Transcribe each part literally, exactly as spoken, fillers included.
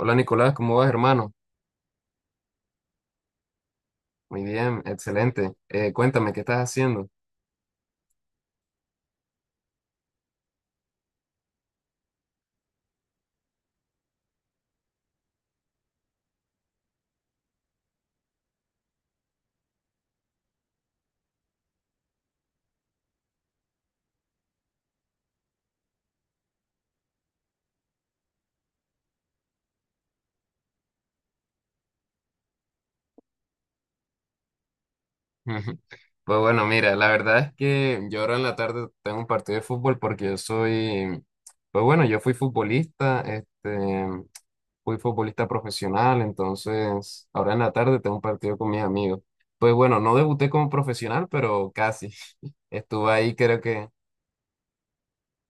Hola Nicolás, ¿cómo vas, hermano? Muy bien, excelente. Eh, cuéntame, ¿qué estás haciendo? Pues bueno, mira, la verdad es que yo ahora en la tarde tengo un partido de fútbol porque yo soy, pues bueno, yo fui futbolista, este, fui futbolista profesional, entonces ahora en la tarde tengo un partido con mis amigos. Pues bueno, no debuté como profesional, pero casi. Estuve ahí creo que.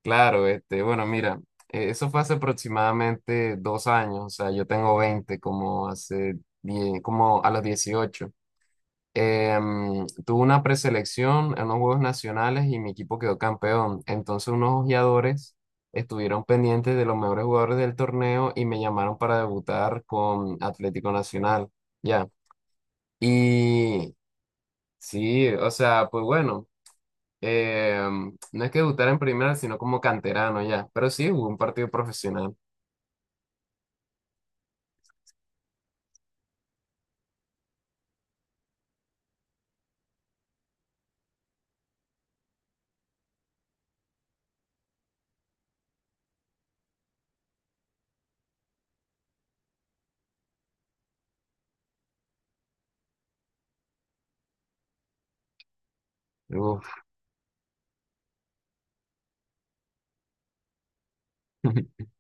Claro, este, bueno, mira, eh, eso fue hace aproximadamente dos años, o sea, yo tengo veinte, como hace diez, como a los dieciocho. Em, tuve una preselección en los Juegos Nacionales y mi equipo quedó campeón. Entonces unos ojeadores estuvieron pendientes de los mejores jugadores del torneo y me llamaron para debutar con Atlético Nacional, ya. Y sí, o sea, pues bueno eh, no es que debutara en primera, sino como canterano ya, pero sí jugó un partido profesional. Uf.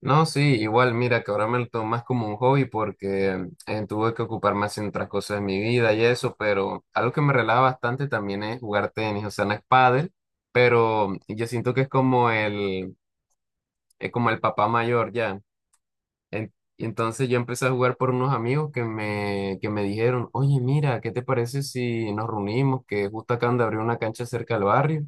No, sí, igual, mira, que ahora me lo tomo más como un hobby porque eh, tuve que ocupar más en otras cosas de mi vida y eso, pero algo que me relaja bastante también es jugar tenis, o sea, no es pádel, pero yo siento que es como el, es como el papá mayor ya. En- y entonces yo empecé a jugar por unos amigos que me, que me dijeron, oye, mira, ¿qué te parece si nos reunimos? Que justo acaban de abrir una cancha cerca del barrio.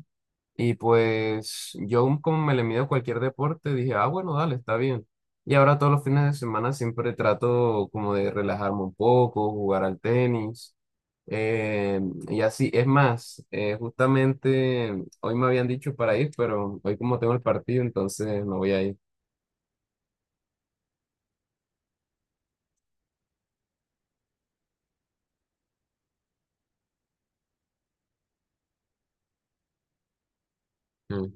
Y pues yo como me le mido a cualquier deporte, dije, ah, bueno, dale, está bien. Y ahora todos los fines de semana siempre trato como de relajarme un poco, jugar al tenis. eh, y así, es más, eh, justamente hoy me habían dicho para ir, pero hoy como tengo el partido, entonces no voy a ir. Mm.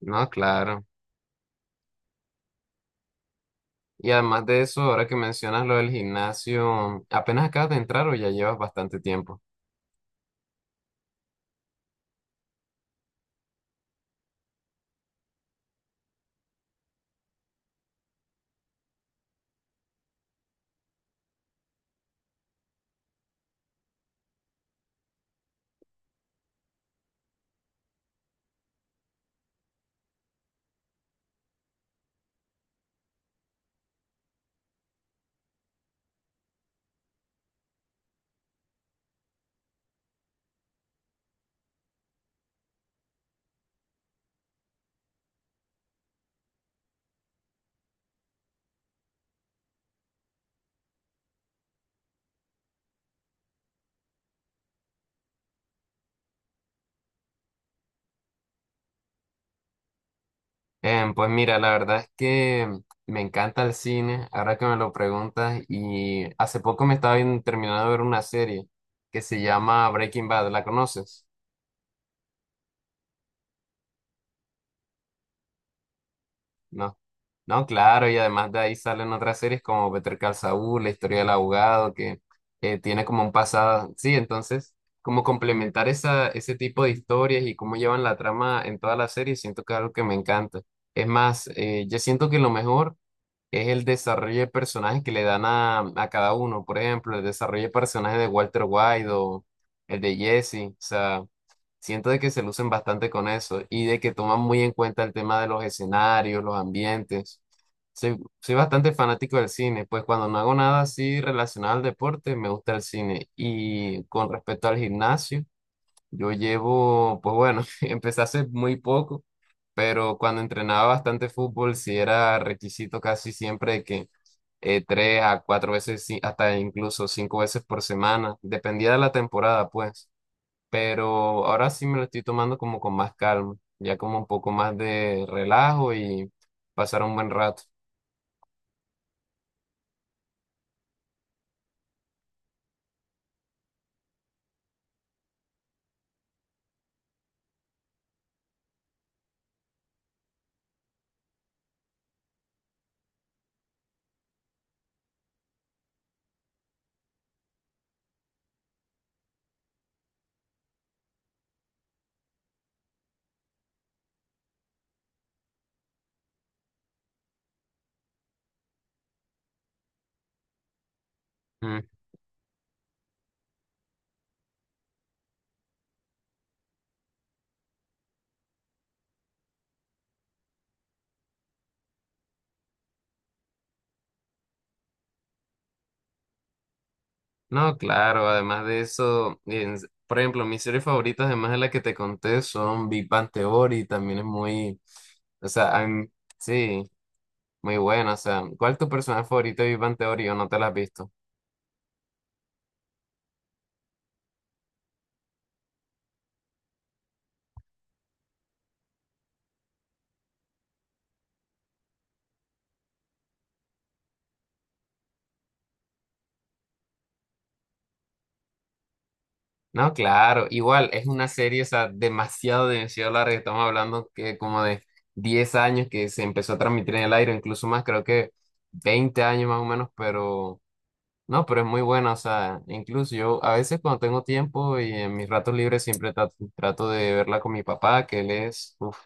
No, claro. Y además de eso, ahora que mencionas lo del gimnasio, ¿apenas acabas de entrar o ya llevas bastante tiempo? Em, pues mira, la verdad es que me encanta el cine, ahora que me lo preguntas, y hace poco me estaba viendo- terminando de ver una serie que se llama Breaking Bad, ¿la conoces? No, no, claro, y además de ahí salen otras series como Better Call Saul, La historia del abogado, que eh, tiene como un pasado, sí, entonces, como complementar esa, ese tipo de historias y cómo llevan la trama en toda la serie, siento que es algo que me encanta. Es más, eh, yo siento que lo mejor es el desarrollo de personajes que le dan a, a cada uno, por ejemplo, el desarrollo de personajes de Walter White o el de Jesse, o sea... Siento de que se lucen bastante con eso y de que toman muy en cuenta el tema de los escenarios, los ambientes. Soy, soy bastante fanático del cine, pues cuando no hago nada así relacionado al deporte, me gusta el cine. Y con respecto al gimnasio, yo llevo, pues bueno, empecé hace muy poco, pero cuando entrenaba bastante fútbol, sí era requisito casi siempre que eh, tres a cuatro veces, sí, hasta incluso cinco veces por semana, dependía de la temporada, pues pero ahora sí me lo estoy tomando como con más calma, ya como un poco más de relajo y pasar un buen rato. Mm. No, claro, además de eso, en- por ejemplo, mis series favoritas, además de la que te conté, son Big Bang Theory, también es muy, o sea, a mí- sí, muy buena, o sea, ¿cuál es tu personaje favorito de Big Bang Theory o no te la has visto? No, claro, igual es una serie, o sea, demasiado, demasiado larga. Estamos hablando que como de diez años que se empezó a transmitir en el aire, incluso más, creo que veinte años más o menos, pero no, pero es muy buena, o sea, incluso yo a veces cuando tengo tiempo y en mis ratos libres siempre tra- trato, de verla con mi papá, que él es uf,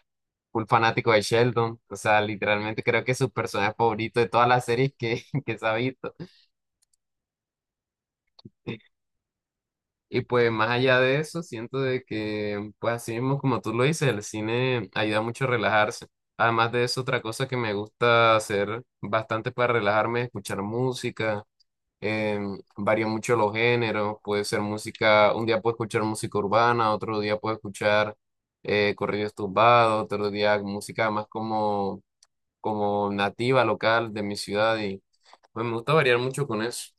full fanático de Sheldon, o sea, literalmente creo que es su personaje favorito de todas las series que, que se ha visto. Y pues más allá de eso, siento de que, pues así mismo como tú lo dices, el cine ayuda mucho a relajarse. Además de eso, otra cosa que me gusta hacer bastante para relajarme es escuchar música. Eh, Varía mucho los géneros, puede ser música, un día puedo escuchar música urbana, otro día puedo escuchar eh, corridos tumbados, otro día música más como, como nativa, local de mi ciudad. Y pues me gusta variar mucho con eso.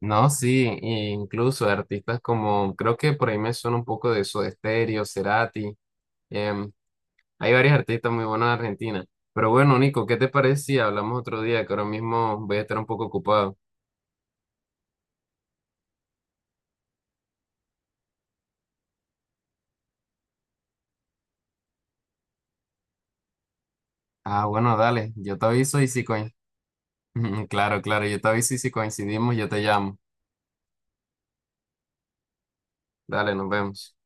No, sí, e incluso de artistas como, creo que por ahí me suena un poco de Soda Stereo, Cerati, em, hay varios artistas muy buenos en Argentina. Pero bueno, Nico, ¿qué te parece si hablamos otro día? Que ahora mismo voy a estar un poco ocupado. Ah, bueno, dale, yo te aviso y si coincidimos. Claro, claro, yo te aviso y si coincidimos, yo te llamo. Dale, nos vemos.